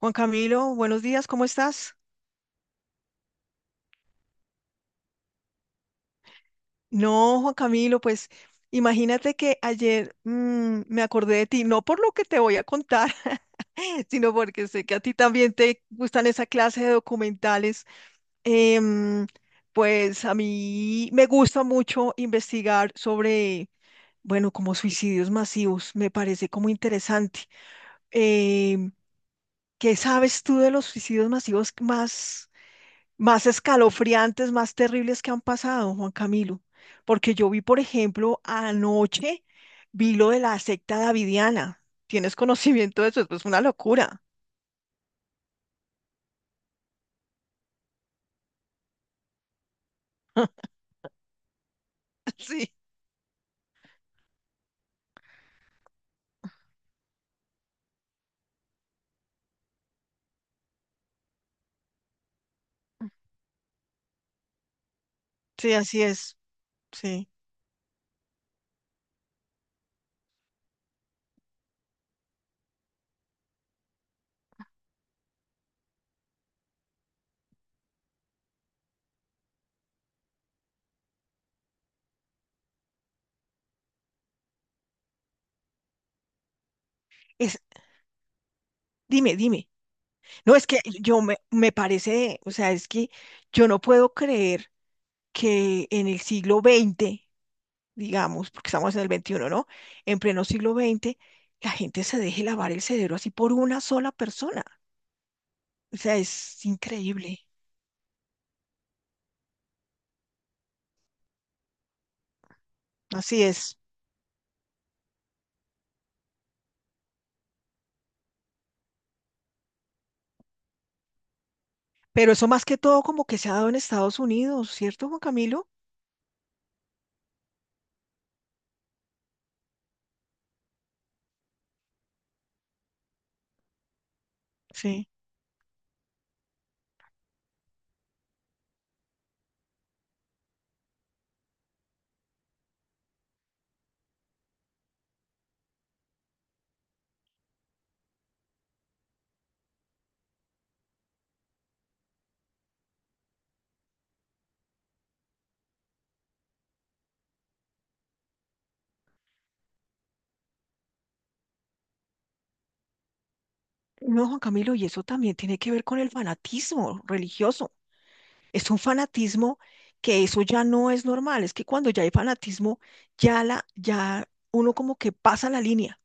Juan Camilo, buenos días, ¿cómo estás? No, Juan Camilo, pues imagínate que ayer me acordé de ti, no por lo que te voy a contar, sino porque sé que a ti también te gustan esa clase de documentales. Em, pues a mí me gusta mucho investigar sobre, bueno, como suicidios masivos, me parece como interesante. Em, ¿Qué sabes tú de los suicidios masivos más? Más escalofriantes, más terribles que han pasado, Juan Camilo. Porque yo vi, por ejemplo, anoche, vi lo de la secta davidiana. ¿Tienes conocimiento de eso? Es pues una locura. Sí, sí, así es. Sí. Es, dime, dime. No, es que yo me parece, o sea, es que yo no puedo creer que en el siglo XX, digamos, porque estamos en el XXI, ¿no? En pleno siglo XX, la gente se deje lavar el cerebro así por una sola persona. O sea, es increíble. Así es. Pero eso más que todo como que se ha dado en Estados Unidos, ¿cierto, Juan Camilo? Sí. No, Juan Camilo, y eso también tiene que ver con el fanatismo religioso. Es un fanatismo que eso ya no es normal. Es que cuando ya hay fanatismo, ya la, ya uno como que pasa la línea.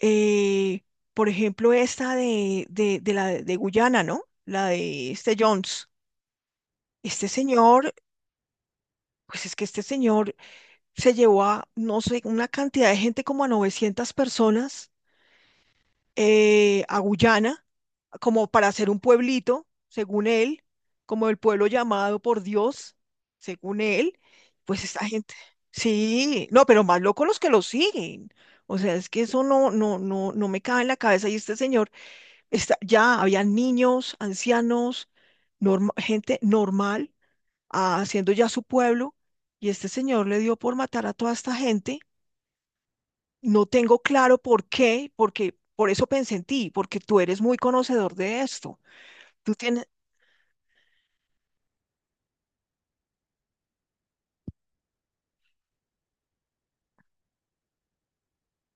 Eh, por ejemplo, esta de la de Guyana, ¿no? La de este Jones. Este señor, pues es que este señor se llevó a, no sé, una cantidad de gente como a 900 personas a Guyana, como para hacer un pueblito, según él, como el pueblo llamado por Dios, según él, pues esta gente, sí, no, pero más locos los que lo siguen. O sea, es que eso no me cabe en la cabeza. Y este señor, está, ya había niños, ancianos, gente normal, ah, haciendo ya su pueblo, y este señor le dio por matar a toda esta gente, no tengo claro por qué, porque por eso pensé en ti, porque tú eres muy conocedor de esto. Tú tienes...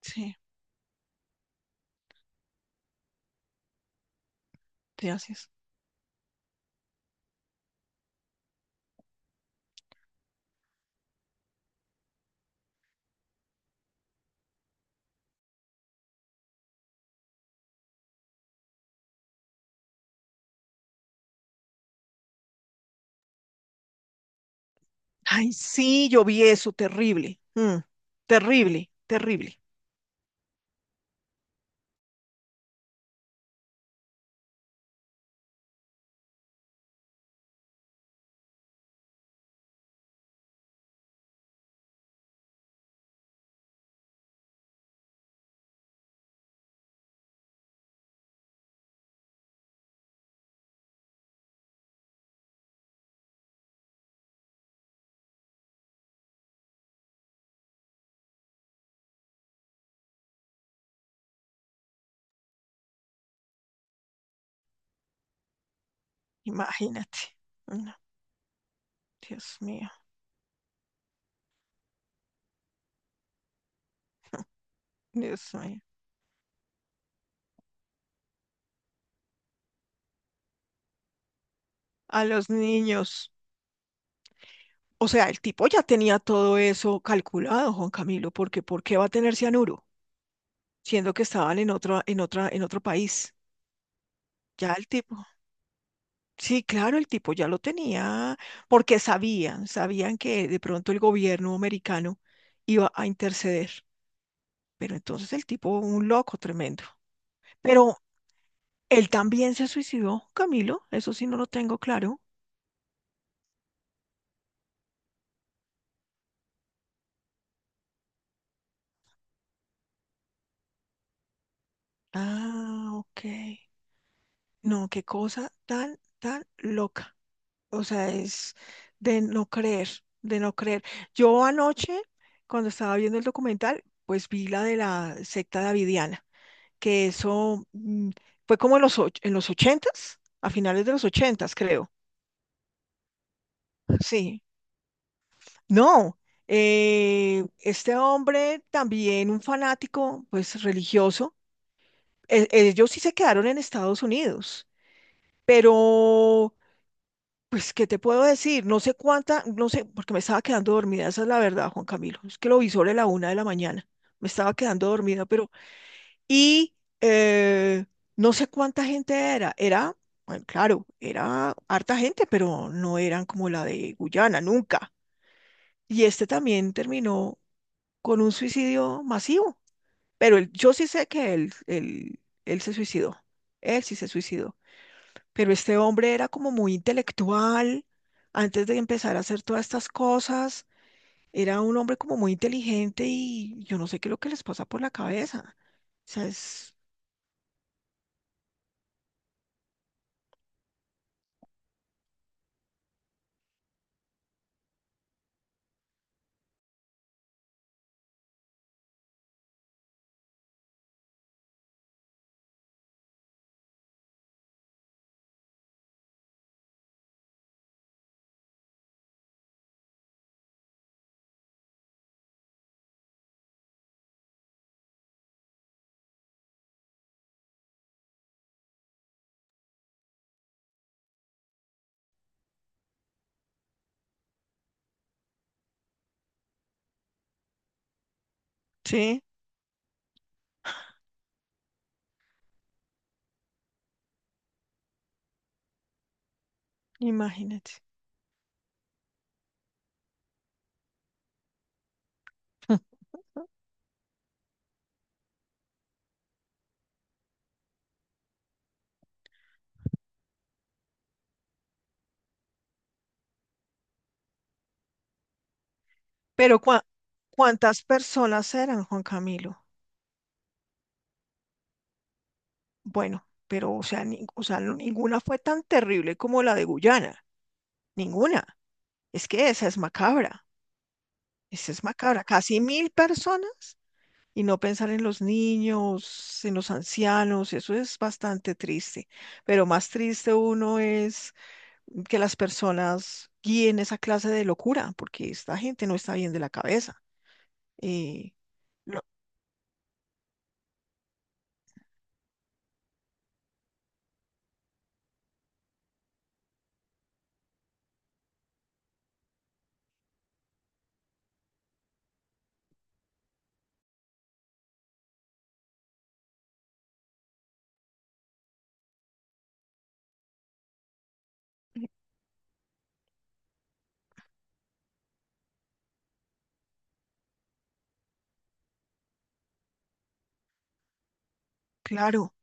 Sí, gracias. Ay, sí, yo vi eso, terrible. Terrible, terrible. Imagínate. No, Dios mío, Dios mío. A los niños. O sea, el tipo ya tenía todo eso calculado, Juan Camilo, porque ¿por qué va a tener cianuro? Siendo que estaban en otra, en otra, en otro país. Ya el tipo. Sí, claro, el tipo ya lo tenía, porque sabían, sabían que de pronto el gobierno americano iba a interceder, pero entonces el tipo, un loco tremendo. Pero él también se suicidó, Camilo, eso sí no lo tengo claro. Ah, ok. No, qué cosa tan, tan loca. O sea, es de no creer, de no creer. Yo anoche, cuando estaba viendo el documental, pues vi la de la secta davidiana que eso fue como en los, en los ochentas, a finales de los ochentas, creo. Sí. No, este hombre también un fanático, pues religioso. Ellos sí se quedaron en Estados Unidos, pero, pues, ¿qué te puedo decir? No sé cuánta, no sé, porque me estaba quedando dormida, esa es la verdad, Juan Camilo. Es que lo vi sobre la una de la mañana. Me estaba quedando dormida, pero... Y eh, no sé cuánta gente era. Era, bueno, claro, era harta gente, pero no eran como la de Guyana, nunca. Y este también terminó con un suicidio masivo. Pero yo sí sé que él se suicidó. Él sí se suicidó. Pero este hombre era como muy intelectual. Antes de empezar a hacer todas estas cosas, era un hombre como muy inteligente y yo no sé qué es lo que les pasa por la cabeza. O sea, es... Sí, imagínate. Pero ¿cuántas personas eran, Juan Camilo? Bueno, pero o sea, o sea, ninguna fue tan terrible como la de Guyana, ninguna. Es que esa es macabra, esa es macabra. Casi 1.000 personas y no pensar en los niños, en los ancianos, eso es bastante triste. Pero más triste uno es que las personas guíen esa clase de locura, porque esta gente no está bien de la cabeza. Eh, lo- claro.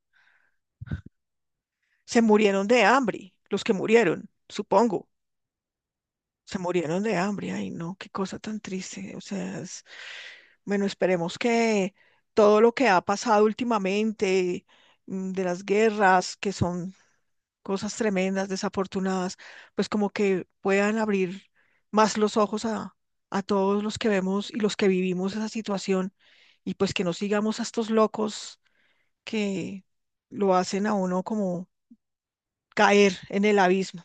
Se murieron de hambre, los que murieron, supongo. Se murieron de hambre. Ay, no, qué cosa tan triste. O sea, es... bueno, esperemos que todo lo que ha pasado últimamente, de las guerras, que son cosas tremendas, desafortunadas, pues como que puedan abrir más los ojos a todos los que vemos y los que vivimos esa situación y pues que no sigamos a estos locos que lo hacen a uno como caer en el abismo.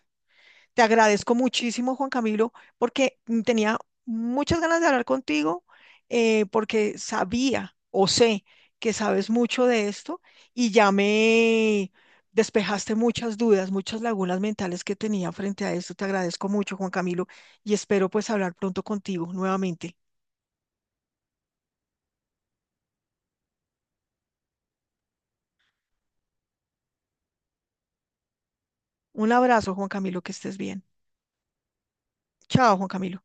Te agradezco muchísimo, Juan Camilo, porque tenía muchas ganas de hablar contigo, porque sabía o sé que sabes mucho de esto y ya me despejaste muchas dudas, muchas lagunas mentales que tenía frente a esto. Te agradezco mucho, Juan Camilo, y espero pues hablar pronto contigo nuevamente. Un abrazo, Juan Camilo, que estés bien. Chao, Juan Camilo.